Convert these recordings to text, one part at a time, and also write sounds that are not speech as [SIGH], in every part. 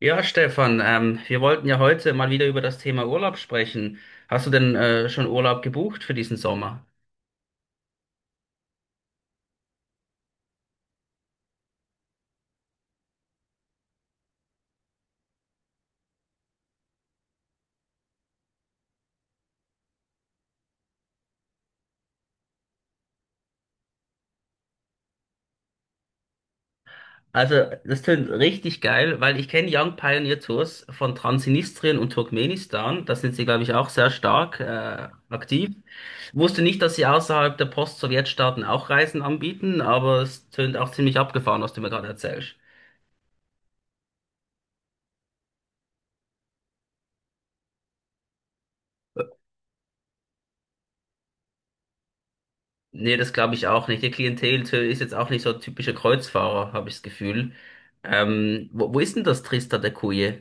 Ja, Stefan, wir wollten ja heute mal wieder über das Thema Urlaub sprechen. Hast du denn schon Urlaub gebucht für diesen Sommer? Also, das tönt richtig geil, weil ich kenne Young Pioneer Tours von Transnistrien und Turkmenistan. Da sind sie, glaube ich, auch sehr stark aktiv. Wusste nicht, dass sie außerhalb der Post-Sowjetstaaten auch Reisen anbieten, aber es tönt auch ziemlich abgefahren, was du mir gerade erzählst. Nee, das glaube ich auch nicht. Die Klientel ist jetzt auch nicht so typische Kreuzfahrer, habe ich das Gefühl. Wo ist denn das Trista da Cunha?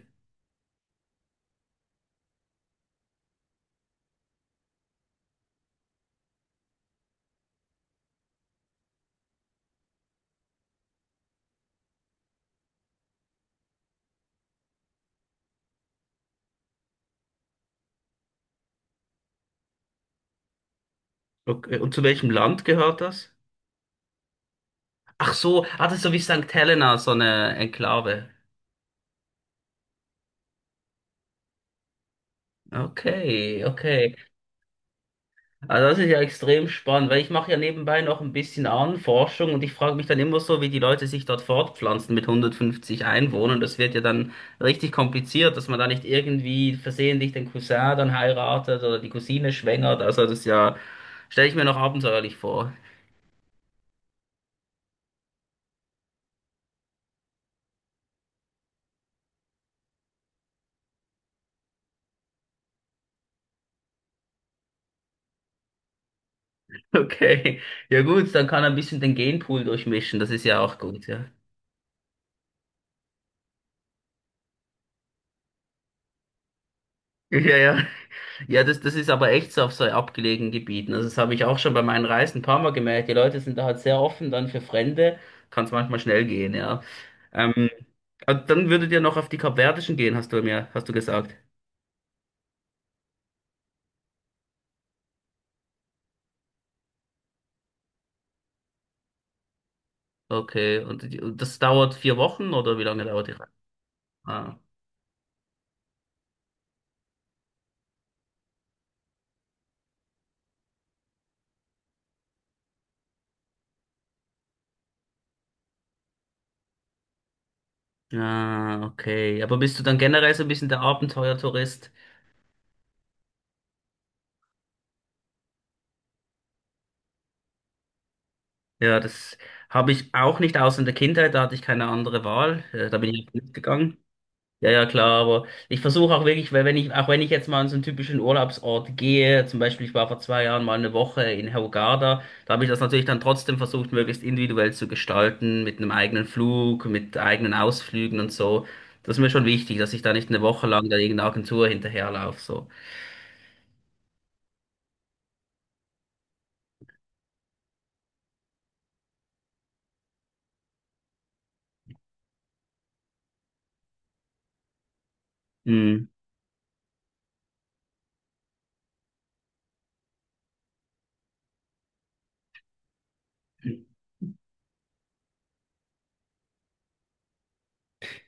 Okay. Und zu welchem Land gehört das? Ach so, ah, das ist so wie St. Helena, so eine Enklave. Okay, okay. Also das ist ja extrem spannend, weil ich mache ja nebenbei noch ein bisschen Ahnenforschung, und ich frage mich dann immer so, wie die Leute sich dort fortpflanzen mit 150 Einwohnern. Das wird ja dann richtig kompliziert, dass man da nicht irgendwie versehentlich den Cousin dann heiratet oder die Cousine schwängert. Also das ist ja, stelle ich mir noch abenteuerlich vor. [LAUGHS] Okay, ja gut, dann kann er ein bisschen den Genpool durchmischen. Das ist ja auch gut, ja. Ja, ja. Ja, das ist aber echt so auf so abgelegenen Gebieten. Also das habe ich auch schon bei meinen Reisen ein paar Mal gemerkt. Die Leute sind da halt sehr offen dann für Fremde. Kann es manchmal schnell gehen, ja. Ähm, also dann würdet ihr noch auf die Kapverdischen gehen, hast du gesagt. Okay, und, und das dauert vier Wochen oder wie lange dauert die Reise? Ah. Ah, okay. Aber bist du dann generell so ein bisschen der Abenteuertourist? Ja, das habe ich auch nicht, außer in der Kindheit, da hatte ich keine andere Wahl. Da bin ich mitgegangen. Ja, ja, klar, aber ich versuche auch wirklich, weil wenn ich, auch wenn ich jetzt mal an so einen typischen Urlaubsort gehe, zum Beispiel ich war vor zwei Jahren mal eine Woche in Hurghada, da habe ich das natürlich dann trotzdem versucht, möglichst individuell zu gestalten, mit einem eigenen Flug, mit eigenen Ausflügen und so. Das ist mir schon wichtig, dass ich da nicht eine Woche lang da irgendeiner Agentur hinterherlaufe, so. Mhm.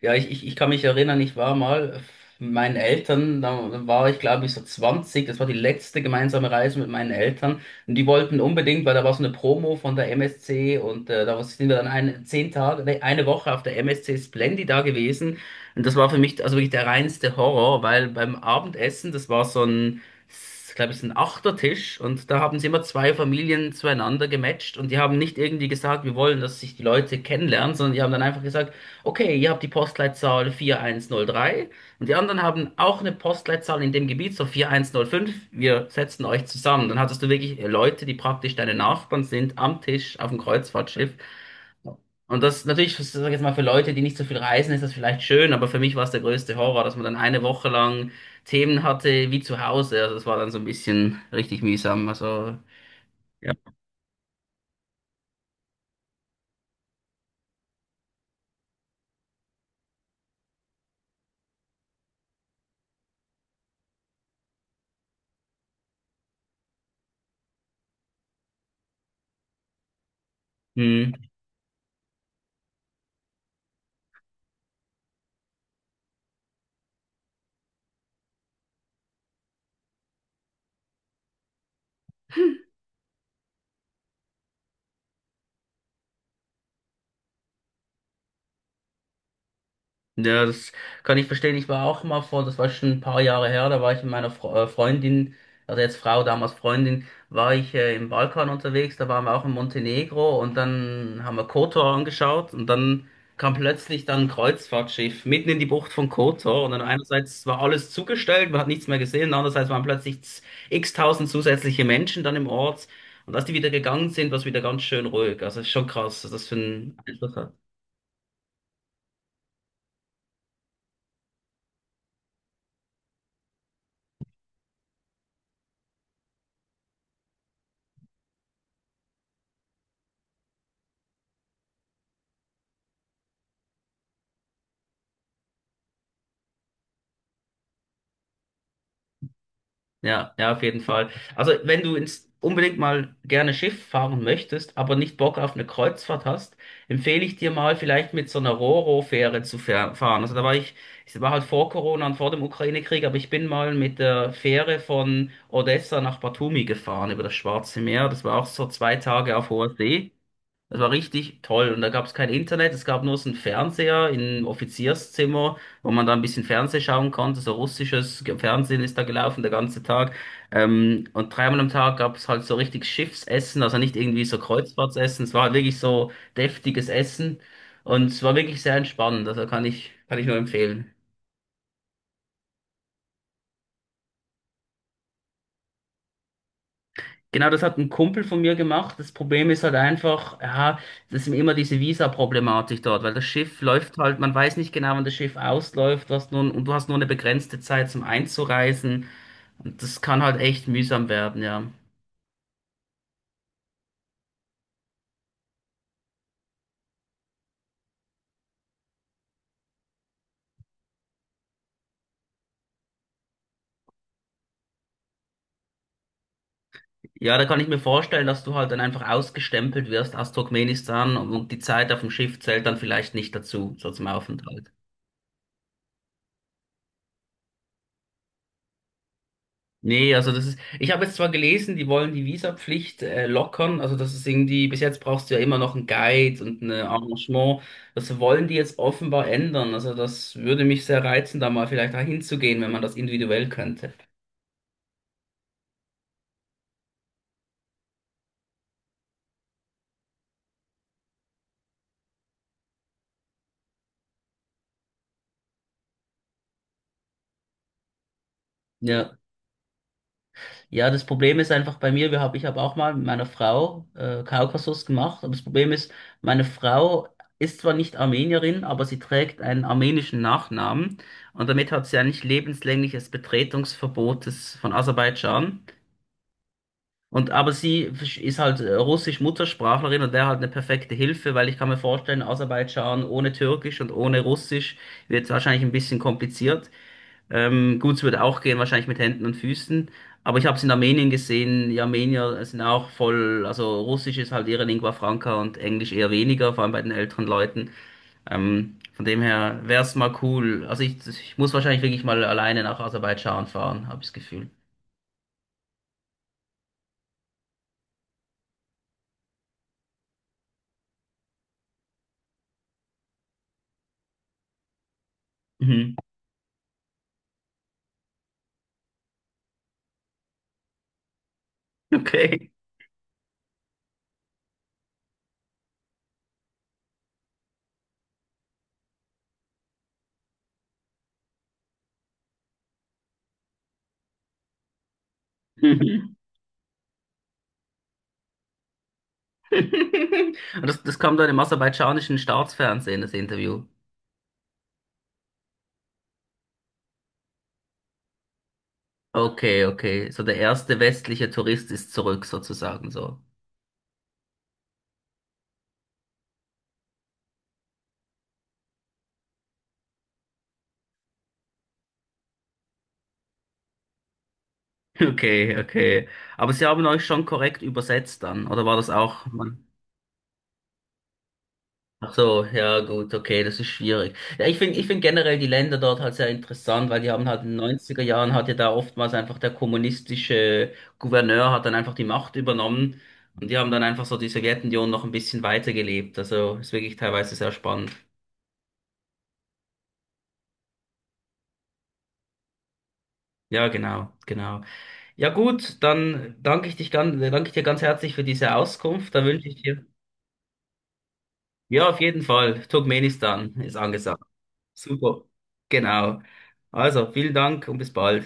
Ja, ich kann mich erinnern, ich war mal mit meinen Eltern, da war ich, glaube ich, so 20. Das war die letzte gemeinsame Reise mit meinen Eltern, und die wollten unbedingt, weil da war so eine Promo von der MSC, und da sind wir dann eine, zehn Tage, nee, eine Woche auf der MSC Splendid da gewesen, und das war für mich also wirklich der reinste Horror, weil beim Abendessen, das war so ein, glaube ich, so ein Achtertisch, und da haben sie immer zwei Familien zueinander gematcht, und die haben nicht irgendwie gesagt, wir wollen, dass sich die Leute kennenlernen, sondern die haben dann einfach gesagt, okay, ihr habt die Postleitzahl vier eins null drei, und die anderen haben auch eine Postleitzahl in dem Gebiet, so 4105. Wir setzen euch zusammen. Dann hattest du wirklich Leute, die praktisch deine Nachbarn sind, am Tisch, auf dem Kreuzfahrtschiff. Und das natürlich, sag ich jetzt mal, für Leute, die nicht so viel reisen, ist das vielleicht schön, aber für mich war es der größte Horror, dass man dann eine Woche lang Themen hatte wie zu Hause. Also das war dann so ein bisschen richtig mühsam. Also, ja. Ja, das kann ich verstehen. Ich war auch mal vor, das war schon ein paar Jahre her, da war ich mit meiner Freundin, also jetzt Frau, damals Freundin, war ich im Balkan unterwegs, da waren wir auch in Montenegro, und dann haben wir Kotor angeschaut, und dann kam plötzlich dann ein Kreuzfahrtschiff mitten in die Bucht von Kotor, und dann einerseits war alles zugestellt, man hat nichts mehr gesehen, andererseits waren plötzlich x-tausend zusätzliche Menschen dann im Ort, und als die wieder gegangen sind, war es wieder ganz schön ruhig. Also ist schon krass, was das für ein Einfluss. Ja, ja, auf jeden Fall. Also, wenn du ins, unbedingt mal gerne Schiff fahren möchtest, aber nicht Bock auf eine Kreuzfahrt hast, empfehle ich dir mal vielleicht mit so einer Ro-Ro-Fähre zu fahren. Also, da war ich, ich war halt vor Corona und vor dem Ukraine-Krieg, aber ich bin mal mit der Fähre von Odessa nach Batumi gefahren über das Schwarze Meer. Das war auch so zwei Tage auf hoher See. Das war richtig toll. Und da gab es kein Internet, es gab nur so einen Fernseher im Offizierszimmer, wo man da ein bisschen Fernsehen schauen konnte. So russisches Fernsehen ist da gelaufen, der ganze Tag. Und dreimal am Tag gab es halt so richtig Schiffsessen, also nicht irgendwie so Kreuzfahrtsessen. Es war halt wirklich so deftiges Essen. Und es war wirklich sehr entspannend. Also kann ich nur empfehlen. Genau, das hat ein Kumpel von mir gemacht. Das Problem ist halt einfach, ja, das ist immer diese Visa-Problematik dort, weil das Schiff läuft halt, man weiß nicht genau, wann das Schiff ausläuft, was nun, und du hast nur eine begrenzte Zeit zum Einzureisen. Und das kann halt echt mühsam werden, ja. Ja, da kann ich mir vorstellen, dass du halt dann einfach ausgestempelt wirst aus Turkmenistan und die Zeit auf dem Schiff zählt dann vielleicht nicht dazu, so zum Aufenthalt. Nee, also das ist, ich habe jetzt zwar gelesen, die wollen die Visapflicht lockern, also das ist irgendwie, bis jetzt brauchst du ja immer noch einen Guide und ein Arrangement, das wollen die jetzt offenbar ändern, also das würde mich sehr reizen, da mal vielleicht hinzugehen, wenn man das individuell könnte. Ja, ja, das Problem ist einfach bei mir, ich habe auch mal mit meiner Frau Kaukasus gemacht, aber das Problem ist, meine Frau ist zwar nicht Armenierin, aber sie trägt einen armenischen Nachnamen, und damit hat sie eigentlich lebenslängliches Betretungsverbot des, von Aserbaidschan. Und aber sie ist halt russisch Muttersprachlerin und wäre halt eine perfekte Hilfe, weil ich kann mir vorstellen, Aserbaidschan ohne Türkisch und ohne Russisch wird wahrscheinlich ein bisschen kompliziert. Gut, es würde auch gehen, wahrscheinlich mit Händen und Füßen. Aber ich habe es in Armenien gesehen, die Armenier sind auch voll, also Russisch ist halt ihre Lingua franca und Englisch eher weniger, vor allem bei den älteren Leuten. Von dem her wäre es mal cool. Also ich muss wahrscheinlich wirklich mal alleine nach Aserbaidschan fahren, habe ich das Gefühl. Mhm. Okay. [LAUGHS] Und das kam dann im aserbaidschanischen Staatsfernsehen, das Interview. Okay, okay. So, der erste westliche Tourist ist zurück, sozusagen so. [LAUGHS] Okay, okay. Aber Sie haben euch schon korrekt übersetzt dann, oder war das auch? Man- Ach so, ja gut, okay, das ist schwierig. Ja, ich finde generell die Länder dort halt sehr interessant, weil die haben halt in den 90 Jahren hat ja da oftmals einfach der kommunistische Gouverneur hat dann einfach die Macht übernommen, und die haben dann einfach so die Sowjetunion noch ein bisschen weitergelebt. Also ist wirklich teilweise sehr spannend. Ja, genau, genau. Ja, gut, dann danke ich dir ganz herzlich für diese Auskunft. Da wünsche ich dir, ja, auf jeden Fall, Turkmenistan ist angesagt. Super. Genau. Also, vielen Dank und bis bald.